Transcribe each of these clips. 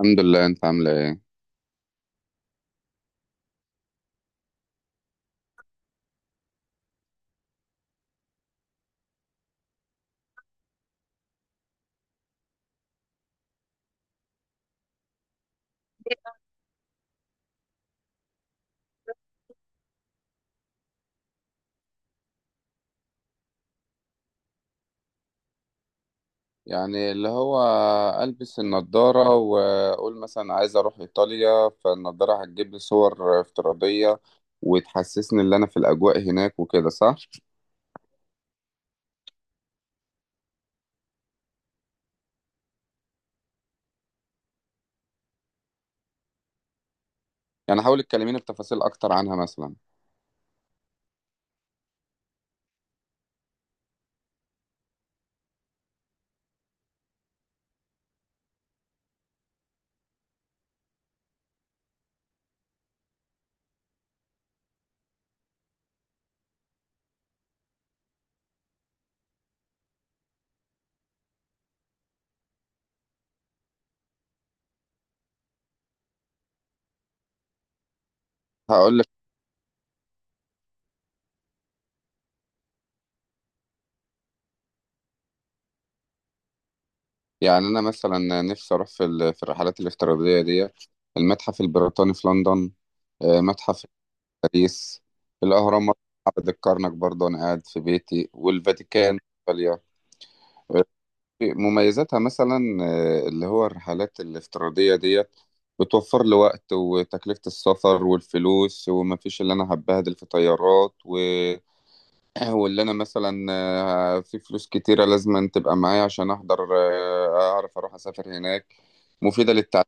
الحمد لله، انت عامله ايه؟ يعني اللي هو البس النضاره واقول مثلا عايز اروح ايطاليا، فالنضاره هتجيب لي صور افتراضيه وتحسسني ان انا في الاجواء هناك وكده صح؟ يعني حاول تكلميني بتفاصيل اكتر عنها مثلا. هقول لك، يعني انا مثلا نفسي اروح في الرحلات الافتراضيه دي. المتحف البريطاني في لندن، متحف في باريس، الاهرامات، معبد الكرنك برضه انا قاعد في بيتي، والفاتيكان في ايطاليا. مميزاتها مثلا اللي هو الرحلات الافتراضية ديت بتوفر لي وقت وتكلفة السفر والفلوس، ومفيش اللي أنا هبهدل في طيارات واللي أنا مثلا في فلوس كتيرة لازم تبقى معايا عشان أحضر، أعرف أروح أسافر هناك. مفيدة للتعليم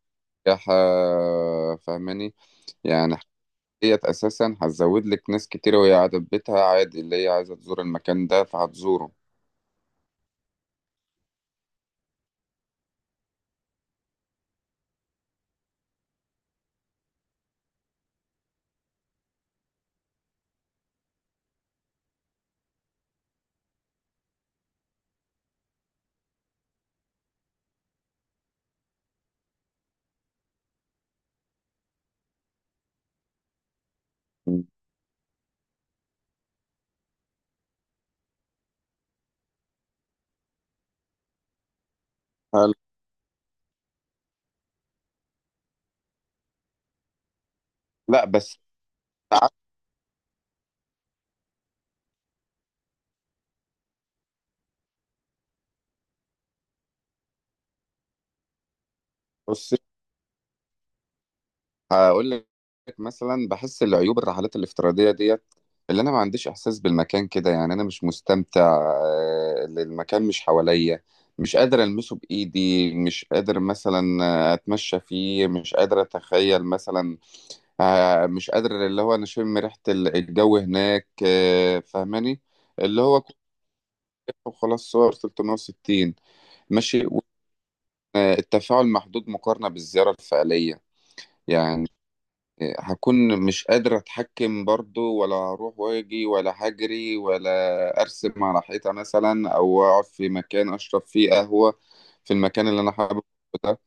والسياحة، فاهماني؟ يعني ديت أساسا هتزود لك ناس كتيرة وهي قاعدة في بيتها عادي، اللي هي عايزة تزور المكان ده فهتزوره. مم. هل- لا، بس بص، هقول لك مثلا بحس العيوب الرحلات الافتراضية ديت، اللي انا ما عنديش احساس بالمكان كده. يعني انا مش مستمتع، المكان مش حواليا، مش قادر المسه بايدي، مش قادر مثلا اتمشى فيه، مش قادر اتخيل مثلا، مش قادر اللي هو انا اشم ريحة الجو هناك، فاهماني؟ اللي هو كل خلاص، صور 360 ماشي التفاعل محدود مقارنة بالزيارة الفعلية. يعني هكون مش قادر اتحكم برضو ولا اروح واجي ولا هجري، ولا ارسم على حيطة مثلا او اقعد في مكان اشرب فيه قهوة في المكان اللي انا حابه ده.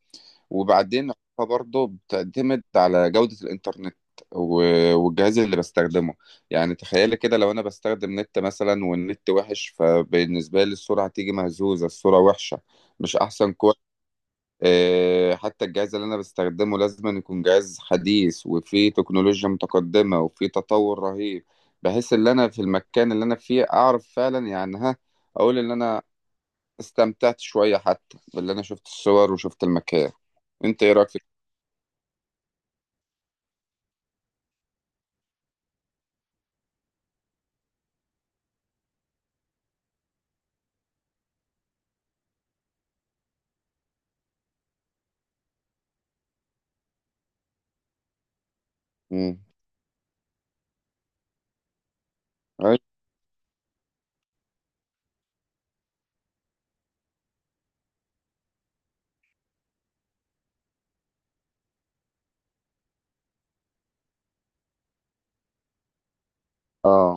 وبعدين برضو بتعتمد على جودة الانترنت و- والجهاز اللي بستخدمه. يعني تخيلي كده لو انا بستخدم نت مثلا والنت وحش، فبالنسبة لي الصورة هتيجي مهزوزة، الصورة وحشة، مش احسن كواليتي. حتى الجهاز اللي انا بستخدمه لازم أن يكون جهاز حديث وفيه تكنولوجيا متقدمة وفيه تطور رهيب، بحيث ان انا في المكان اللي انا فيه اعرف فعلا، يعني ها اقول ان انا استمتعت شوية حتى باللي انا شفت الصور وشفت المكان. انت ايه رايك في؟ مم. أي- اه،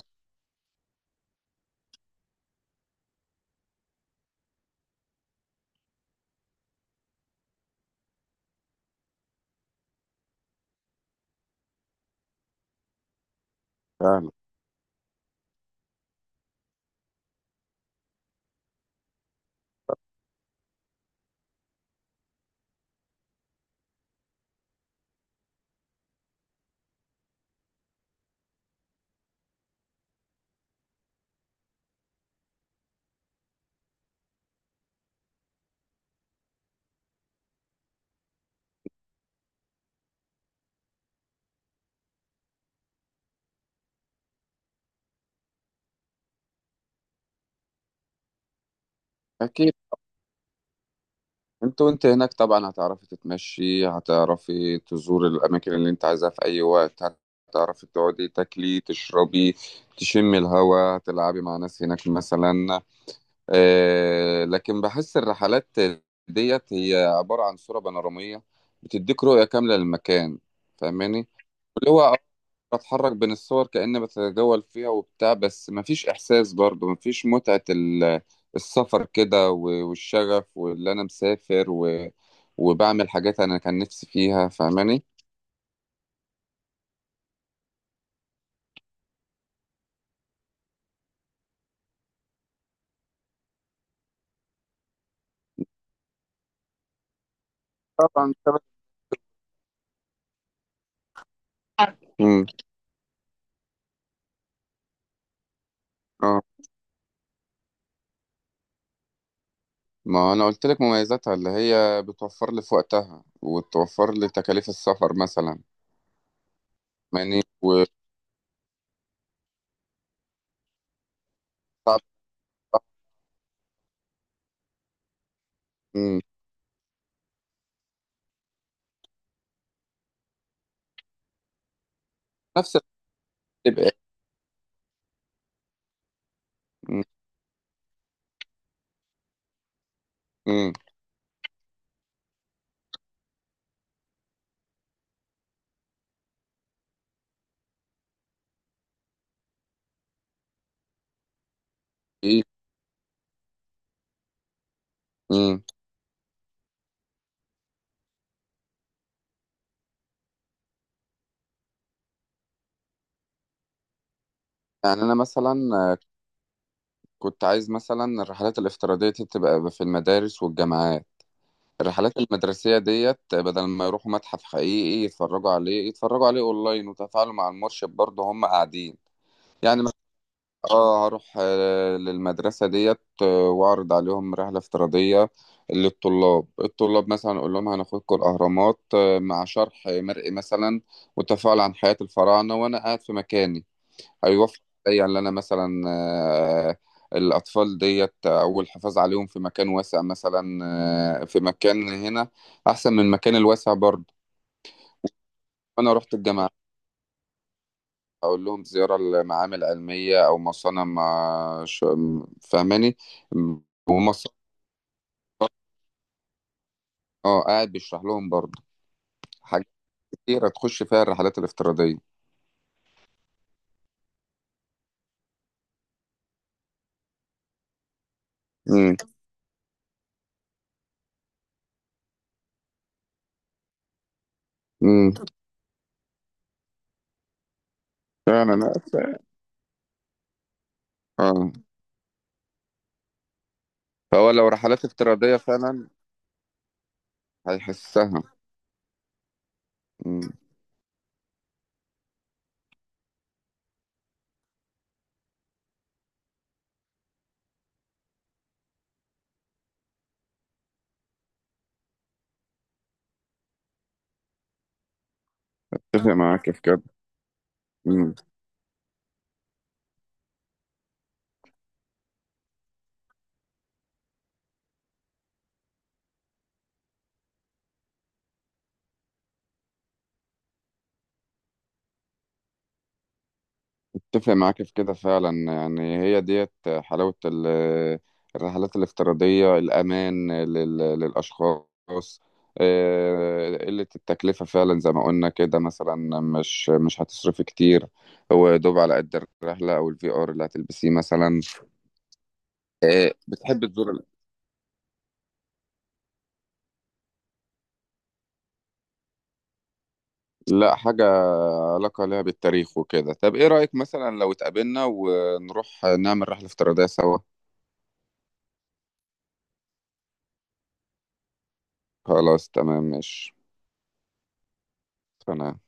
فعلا، اكيد. انت وانت هناك طبعا هتعرفي تتمشي، هتعرفي تزوري الاماكن اللي انت عايزاها في اي وقت، هتعرفي تقعدي تاكلي تشربي تشمي الهواء تلعبي مع ناس هناك مثلا. لكن بحس الرحلات ديت هي عبارة عن صورة بانورامية بتديك رؤية كاملة للمكان، فاهماني؟ اللي هو بتحرك بين الصور كأني بتجول فيها وبتاع، بس مفيش إحساس برضه، مفيش متعة السفر كده و- والشغف واللي أنا مسافر وبعمل حاجات أنا كان نفسي فيها، فاهماني؟ طبعا طبعاً. امم. اه. ما أنا قلت لك مميزاتها اللي هي بتوفر لي في وقتها وتوفر لي تكاليف السفر مثلا، فاهماني؟ وصعب نفس الوقت يبقى- مم. مم. إيه؟ مم. يعني أنا مثلا كنت عايز مثلا الرحلات الافتراضية دي تبقى في المدارس والجامعات، الرحلات المدرسية ديت، بدل ما يروحوا متحف حقيقي يتفرجوا عليه اونلاين وتفاعلوا مع المرشد برضه هم قاعدين. يعني مثلا، اه هروح للمدرسة ديت، واعرض عليهم رحلة افتراضية للطلاب، الطلاب مثلا اقول لهم هناخدكم الاهرامات، مع شرح مرئي مثلا وتفاعل عن حياة الفراعنة وانا قاعد في مكاني. هيوفر عليا ان انا مثلا الاطفال ديت او الحفاظ عليهم في مكان واسع مثلا، في مكان هنا احسن من المكان الواسع برضه. انا رحت الجامعه اقول لهم زياره لمعامل علميه او مصانع ما ش- فاهماني؟ ومصانع، اه قاعد بيشرح لهم برضه حاجات كتيره تخش فيها الرحلات الافتراضيه. امم. امم. فعلا، لا، اه، فهو لو رحلات افتراضيه فعلا هيحسها. امم. اتفق معاك في كده. اتفق معاك في كده فعلا، يعني هي ديت حلاوة الرحلات الافتراضية، الأمان للأشخاص، قلة التكلفة فعلا زي ما قلنا كده، مثلا مش هتصرفي كتير، هو دوب على قد الرحلة أو الفي آر اللي هتلبسيه مثلا. بتحب تزور لا، حاجة علاقة لها بالتاريخ وكده. طب إيه رأيك مثلا لو اتقابلنا ونروح نعمل رحلة افتراضية سوا؟ خلاص تمام، ماشي. أنا